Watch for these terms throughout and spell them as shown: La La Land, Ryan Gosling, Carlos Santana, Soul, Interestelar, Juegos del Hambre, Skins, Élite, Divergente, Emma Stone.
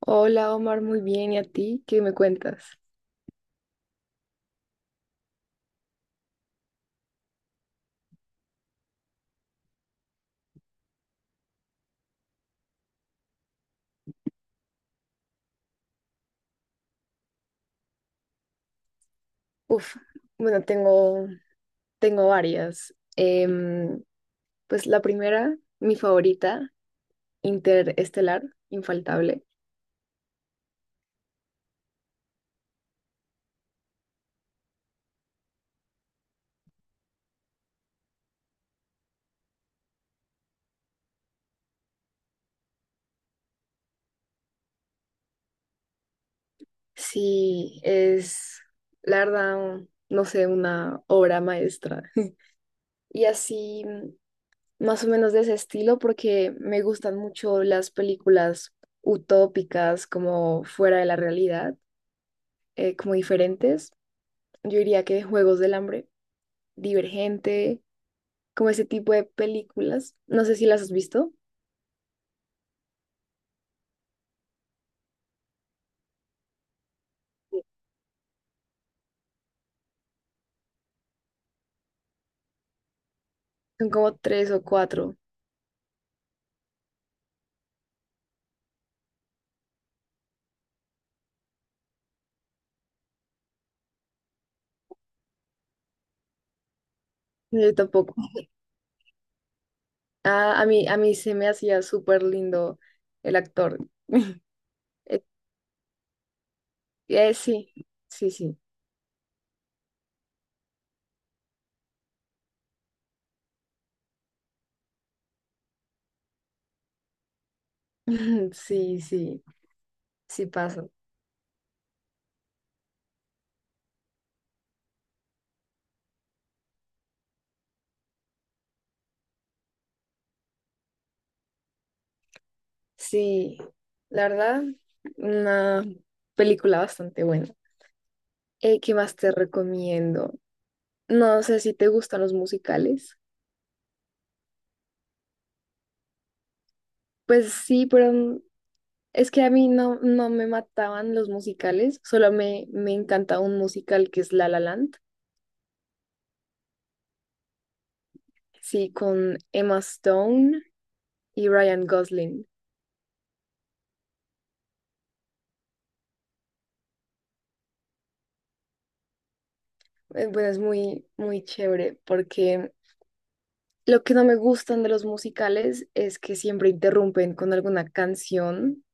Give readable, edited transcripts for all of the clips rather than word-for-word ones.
Hola Omar, muy bien. ¿Y a ti? ¿Qué me cuentas? Uf, bueno, tengo varias. Pues la primera, mi favorita, Interestelar, infaltable. Sí, es, la verdad, no sé, una obra maestra. Y así, más o menos de ese estilo, porque me gustan mucho las películas utópicas, como fuera de la realidad, como diferentes. Yo diría que Juegos del Hambre. Divergente, como ese tipo de películas. No sé si las has visto. Son como tres o cuatro. Yo tampoco. Ah, a mí se me hacía súper lindo el actor. Eh, sí, sí. Sí, sí pasa. Sí, la verdad, una película bastante buena. ¿Qué más te recomiendo? No sé si te gustan los musicales. Pues sí, pero es que a mí no, no me mataban los musicales, solo me encanta un musical que es La La Land, sí, con Emma Stone y Ryan Gosling. Bueno, es muy chévere porque lo que no me gustan de los musicales es que siempre interrumpen con alguna canción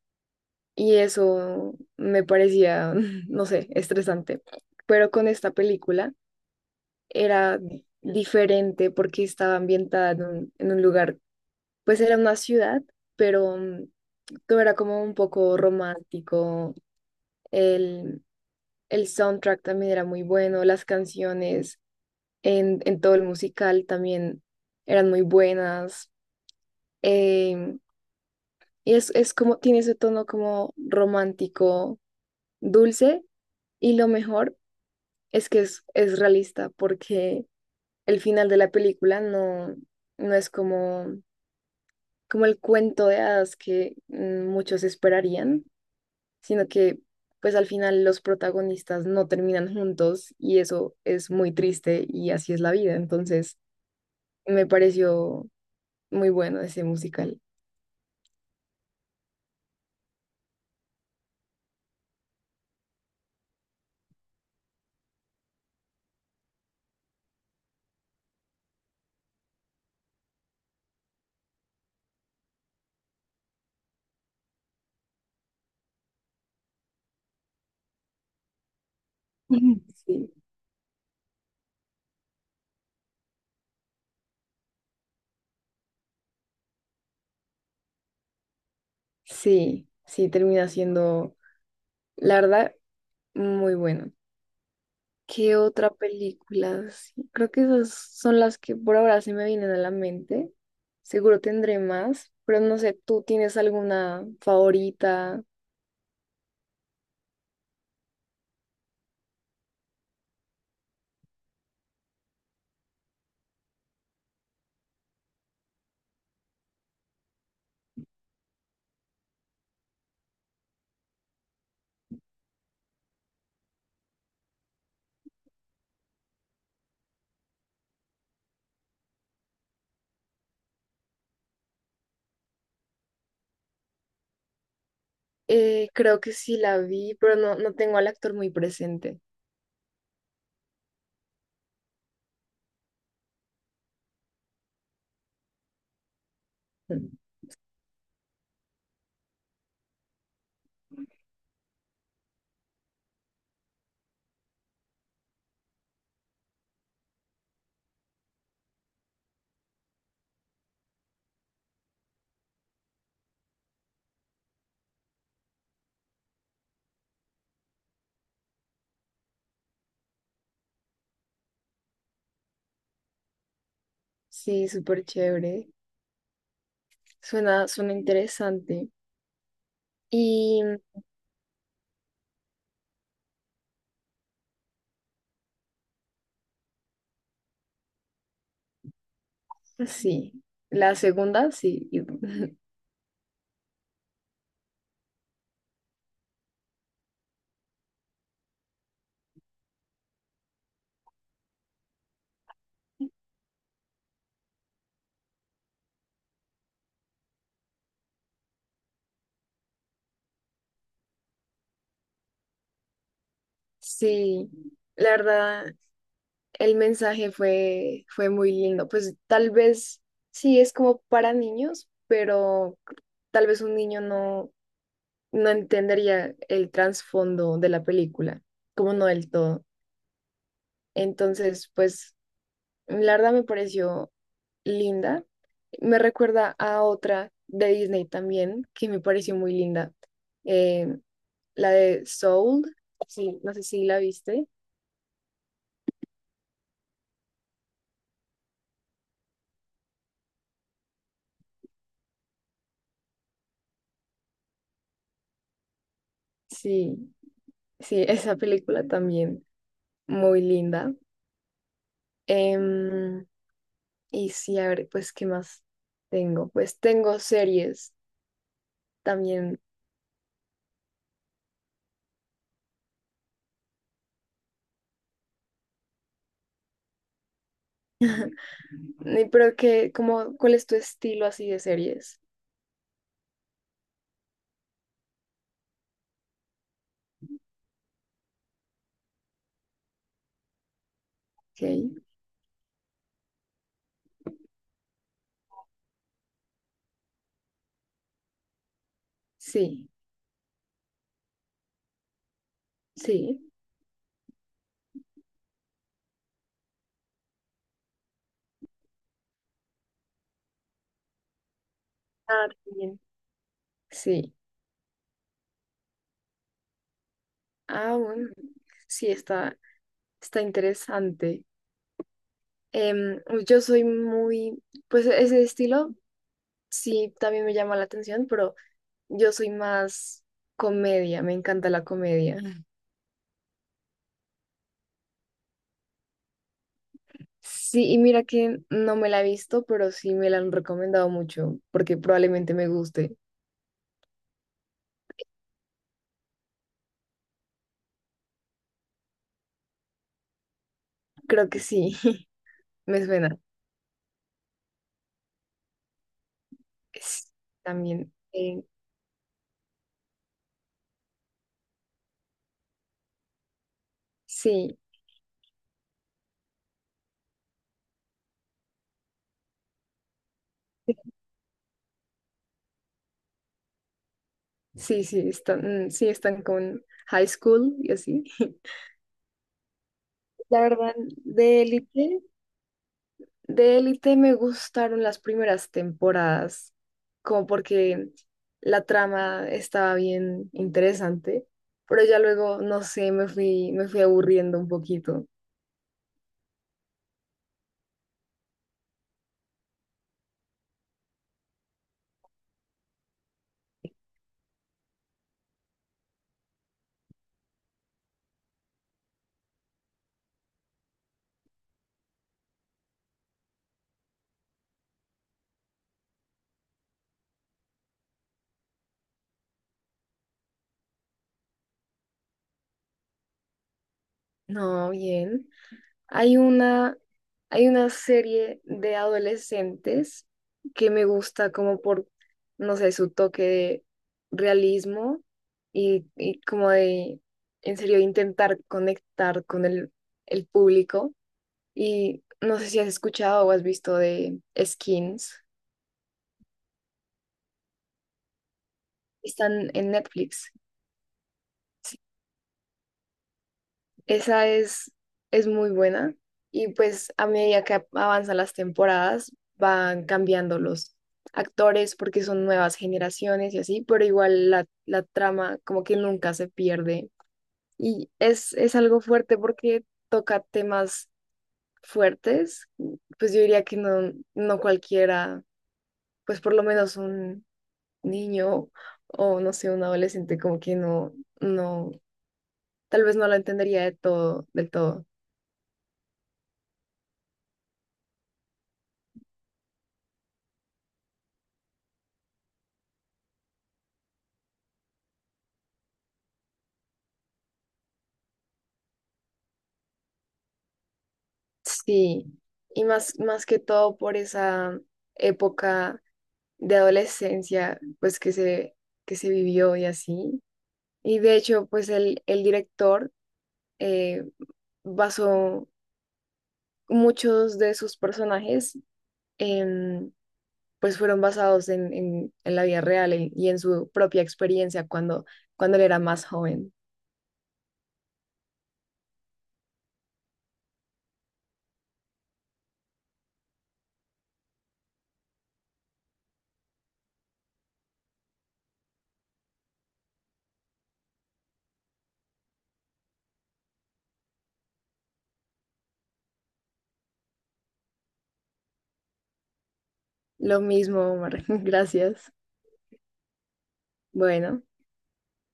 y eso me parecía, no sé, estresante. Pero con esta película era diferente porque estaba ambientada en en un lugar, pues era una ciudad pero todo era como un poco romántico, el, el soundtrack también era muy bueno, las canciones en todo el musical también eran muy buenas. em, y es como, tiene ese tono como romántico, dulce, y lo mejor es que es realista, porque el final de la película no, no es como, como el cuento de hadas que muchos esperarían sino que pues al final los protagonistas no terminan juntos y eso es muy triste y así es la vida. Entonces me pareció muy bueno ese musical. Ujú. Sí, sí, sí, termina siendo, la verdad, muy bueno. ¿Qué otra película? Sí, creo que esas son las que por ahora se me vienen a la mente. Seguro tendré más, pero no sé, ¿tú tienes alguna favorita? Creo que sí la vi, pero no, no tengo al actor muy presente. Sí, súper chévere. Suena interesante. Y sí, la segunda, sí. Y- Sí, la verdad, el mensaje fue muy lindo. Pues tal vez sí es como para niños, pero tal vez un niño no, no entendería el trasfondo de la película, como no del todo. Entonces, pues la verdad me pareció linda. Me recuerda a otra de Disney también, que me pareció muy linda. Eh, la de Soul. Sí, no sé si la viste. Sí, sí, esa película también muy linda. Em, y sí, a ver, pues, ¿qué más tengo? Pues tengo series también. Ni- Pero que, como, ¿cuál es tu estilo así de series? Ok, sí, sí. Ah, también. Sí. Ah, bueno, sí, está interesante. Em, yo soy muy, pues ese estilo sí también me llama la atención, pero yo soy más comedia, me encanta la comedia. Mm. Sí, y mira que no me la he visto, pero sí me la han recomendado mucho, porque probablemente me guste. Creo que sí, me suena. Es- también, sí, sí, sí, están, sí, están con High School y así. La verdad, de Élite, de Élite me gustaron las primeras temporadas, como porque la trama estaba bien interesante, pero ya luego, no sé, me fui aburriendo un poquito. No, bien. Hay una, Hay una serie de adolescentes que me gusta como por, no sé, su toque de realismo y como de, en serio, intentar conectar con el público. Y no sé si has escuchado o has visto de Skins. Están en Netflix. Esa es muy buena y pues a medida que avanzan las temporadas van cambiando los actores porque son nuevas generaciones y así, pero igual la, la trama como que nunca se pierde y es algo fuerte porque toca temas fuertes, pues yo diría que no, no cualquiera, pues por lo menos un niño o no sé, un adolescente como que no, no, tal vez no lo entendería de todo, del todo. Sí, y más, más que todo por esa época de adolescencia, pues que se vivió y así. Y de hecho, pues el director eh, basó muchos de sus personajes, en, pues fueron basados en, en la vida real en- y en su propia experiencia cuando él era más joven. Lo mismo, Omar. Gracias. Bueno.